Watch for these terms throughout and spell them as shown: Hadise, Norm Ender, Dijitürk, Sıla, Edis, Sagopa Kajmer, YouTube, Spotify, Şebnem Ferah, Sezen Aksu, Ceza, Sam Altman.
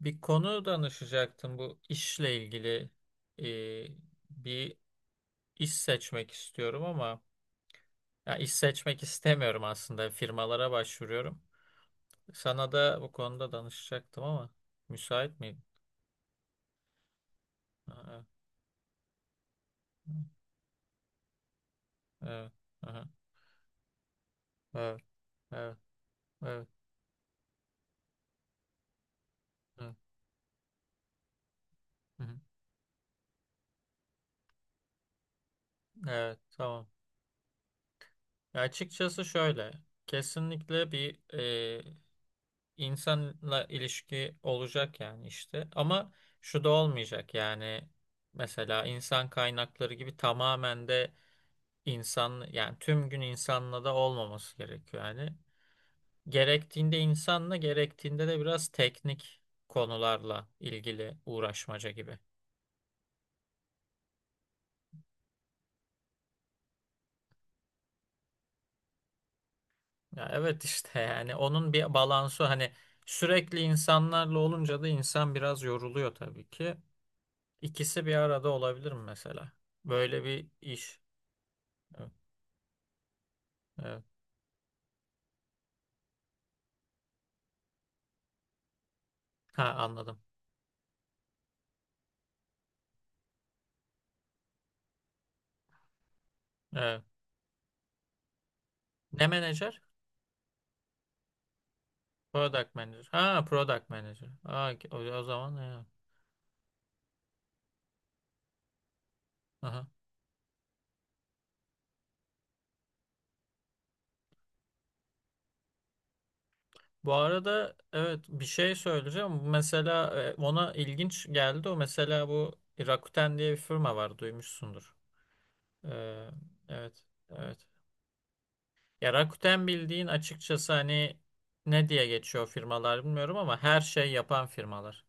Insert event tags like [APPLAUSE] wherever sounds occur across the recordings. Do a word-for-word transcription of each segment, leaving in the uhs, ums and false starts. Bir konu danışacaktım bu işle ilgili. Ee, Bir iş seçmek istiyorum ama ya iş seçmek istemiyorum, aslında firmalara başvuruyorum. Sana da bu konuda danışacaktım ama müsait miydin? Aha. Evet, aha, evet, evet, evet, evet, hı hı, evet, tamam. Ya açıkçası şöyle, kesinlikle bir insanla ilişki olacak yani işte. Ama şu da olmayacak yani, mesela insan kaynakları gibi tamamen de insan, yani tüm gün insanla da olmaması gerekiyor yani. Gerektiğinde insanla, gerektiğinde de biraz teknik konularla ilgili uğraşmaca gibi. Ya evet işte [LAUGHS] yani onun bir balansı, hani sürekli insanlarla olunca da insan biraz yoruluyor tabii ki. İkisi bir arada olabilir mi mesela? Böyle bir iş. Evet. Evet. Ha, anladım. Evet. Ne menajer? Product manager. Ha, product manager. Ha, o, o zaman ya. Aha. Bu arada evet, bir şey söyleyeceğim. Mesela e, ona ilginç geldi. O mesela bu Rakuten diye bir firma var. Duymuşsundur. Ee, evet. Evet. Ya Rakuten, bildiğin, açıkçası hani ne diye geçiyor firmalar bilmiyorum ama her şey yapan firmalar.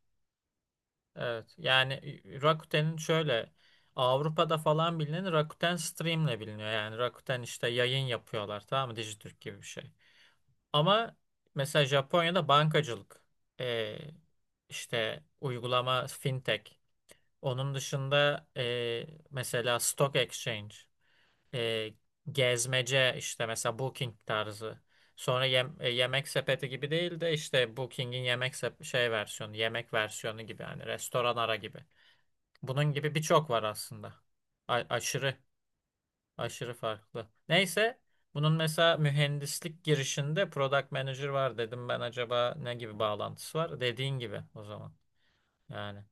Evet. Yani Rakuten'in şöyle, Avrupa'da falan bilinen Rakuten Stream'le biliniyor. Yani Rakuten işte yayın yapıyorlar, tamam mı? Dijitürk gibi bir şey. Ama mesela Japonya'da bankacılık, e, işte uygulama, fintech. Onun dışında e, mesela stock exchange, e, gezmece işte, mesela booking tarzı. Sonra yem- e, yemek sepeti gibi değil de işte Booking'in yemek sep- şey versiyonu, yemek versiyonu gibi, yani restoran ara gibi. Bunun gibi birçok var aslında. A- aşırı, aşırı farklı. Neyse, bunun mesela mühendislik girişinde product manager var dedim, ben acaba ne gibi bağlantısı var? Dediğin gibi o zaman. Yani.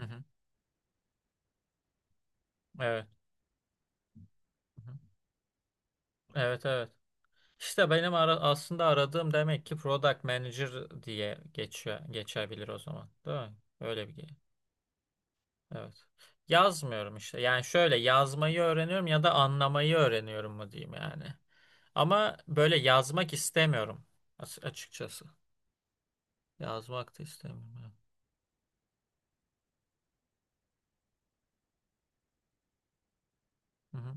Hı hı. Evet. Hı hı. Evet, evet. İşte benim ara- aslında aradığım demek ki product manager diye geçiyor, geçebilir o zaman. Değil mi? Öyle bir. Evet. Yazmıyorum işte. Yani şöyle, yazmayı öğreniyorum ya da anlamayı öğreniyorum mu diyeyim yani. Ama böyle yazmak istemiyorum as- açıkçası. Yazmak da istemiyorum. Evet. Hı hı.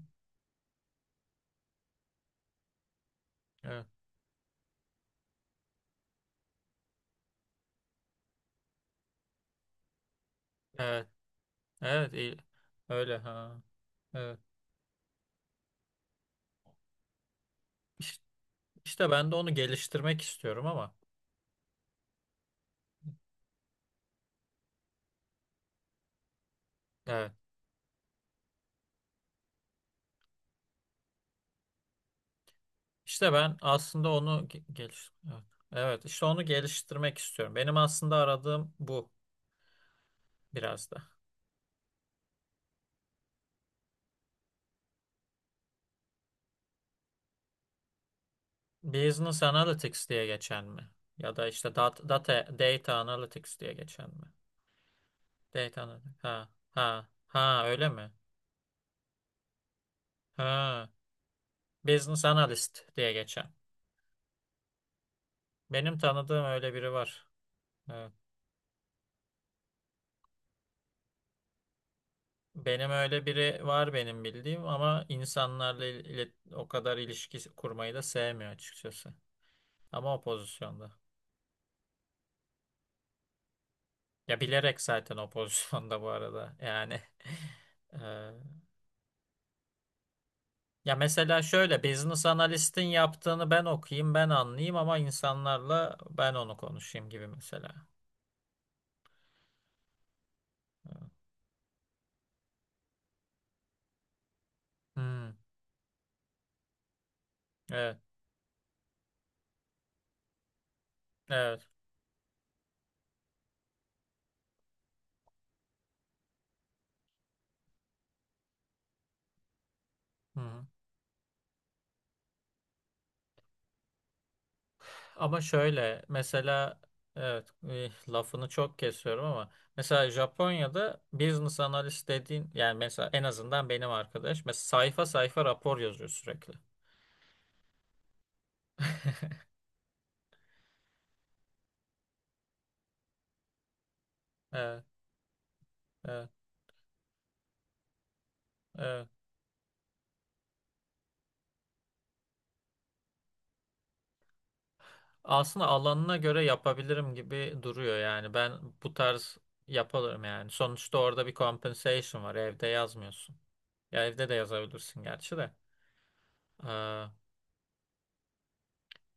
Evet. Evet. Evet, iyi. Öyle ha. Evet. İşte, işte ben de onu geliştirmek istiyorum ama. Evet. İşte ben aslında onu ge- geliş, evet. Evet, işte onu geliştirmek istiyorum. Benim aslında aradığım bu, biraz da. Business Analytics diye geçen mi? Ya da işte dat- data, data Analytics diye geçen mi? Data Analytics. Ha, ha, ha, öyle mi? Ha, Business Analyst diye geçen. Benim tanıdığım öyle biri var. Evet. Benim öyle biri var, benim bildiğim, ama insanlarla il- ilet- o kadar ilişki kurmayı da sevmiyor açıkçası. Ama o pozisyonda. Ya bilerek zaten o [LAUGHS] pozisyonda bu arada. Yani [LAUGHS] eee, ya mesela şöyle, business analist'in yaptığını ben okuyayım, ben anlayayım ama insanlarla ben onu konuşayım gibi mesela. Hmm, evet, evet. Hı hı. Ama şöyle mesela, evet, eh, lafını çok kesiyorum ama mesela Japonya'da business analist dediğin, yani mesela en azından benim arkadaş, mesela sayfa sayfa rapor yazıyor sürekli. [LAUGHS] Evet, evet, evet. Aslında alanına göre yapabilirim gibi duruyor yani. Ben bu tarz yaparım yani. Sonuçta orada bir compensation var. Evde yazmıyorsun. Ya evde de yazabilirsin gerçi de. Ee,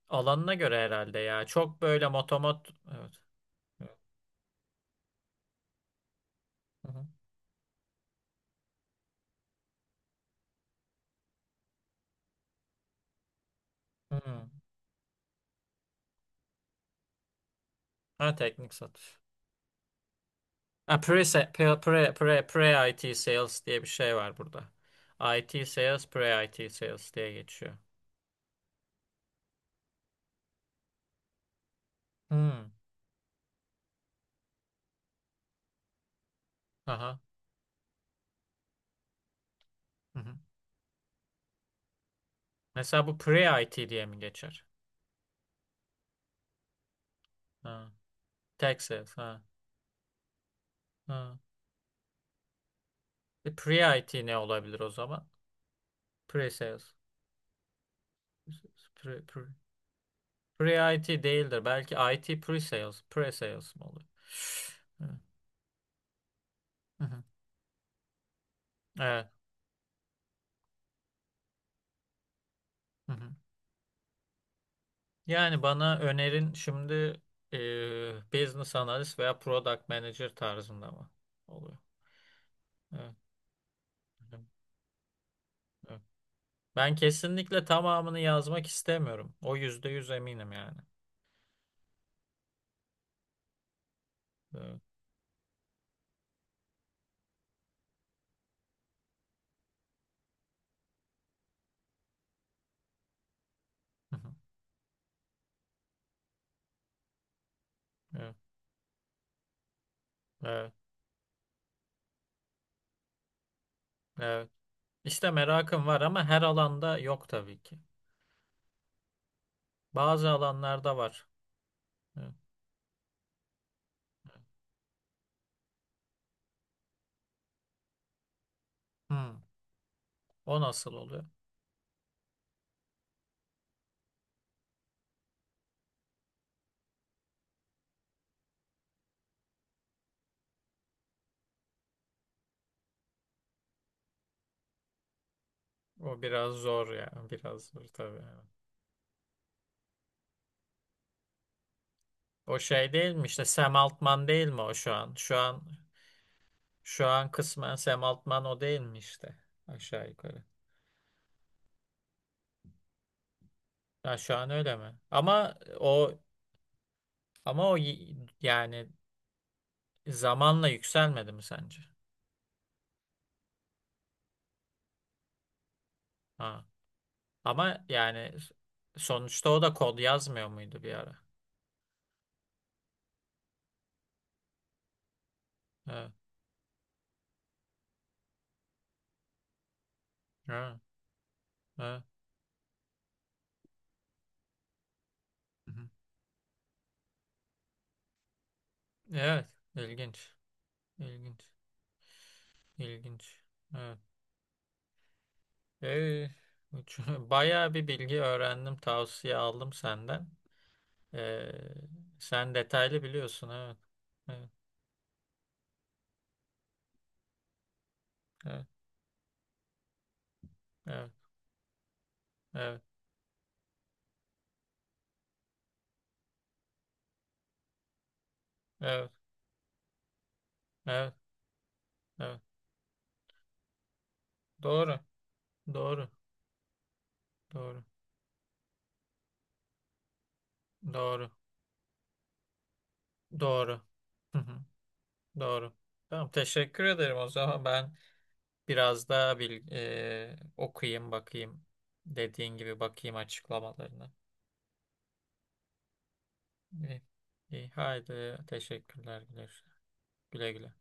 Alanına göre herhalde ya. Çok böyle motomot, evet. Evet. Hı hı. Hı. Ha, teknik satış. Ha, pre, pre, pre, pre, pre I T sales diye bir şey var burada. I T sales, pre I T sales diye geçiyor. Hı. Aha. Hı hı. Mesela bu pre I T diye mi geçer? Ha. Tech sales. Ha. Ha. E, Pre-I T ne olabilir o zaman? Pre-sales. Pre, pre, pre-I T değildir. Belki I T pre-sales. Pre-sales mi olur? Evet. Hı hı. Evet. Hı hı. Yani bana önerin şimdi e, business analyst veya product manager tarzında mı oluyor? Evet. Hı hı. Evet. Ben kesinlikle tamamını yazmak istemiyorum. O yüzde yüz eminim yani. Evet. Hı hı. Evet. Evet. Evet. İşte merakım var ama her alanda yok tabii ki. Bazı alanlarda var. Hı. Hmm. O nasıl oluyor? O biraz zor ya. Biraz zor tabii. Evet. O şey değil mi, işte Sam Altman değil mi o şu an? Şu an şu an kısmen Sam Altman o değil mi işte, aşağı yukarı. Ha, şu an öyle mi? Ama o ama o y- yani zamanla yükselmedi mi sence? Ha. Ama yani sonuçta o da kod yazmıyor muydu bir ara? Evet. Evet. Evet. Hı hı. Evet. İlginç. İlginç. İlginç. Evet. Ee, üç- [LAUGHS] bayağı bir bilgi öğrendim, tavsiye aldım senden. Ee, sen detaylı biliyorsun, evet. Evet, evet, evet, evet, evet, evet, evet. Doğru, doğru, doğru, doğru, doğru. Hı hı. Doğru. Tamam, teşekkür ederim. O zaman ben biraz daha bil, e, okuyayım, bakayım. Dediğin gibi bakayım açıklamalarına. İyi, iyi. Haydi, teşekkürler. Güle güle. Güle güle.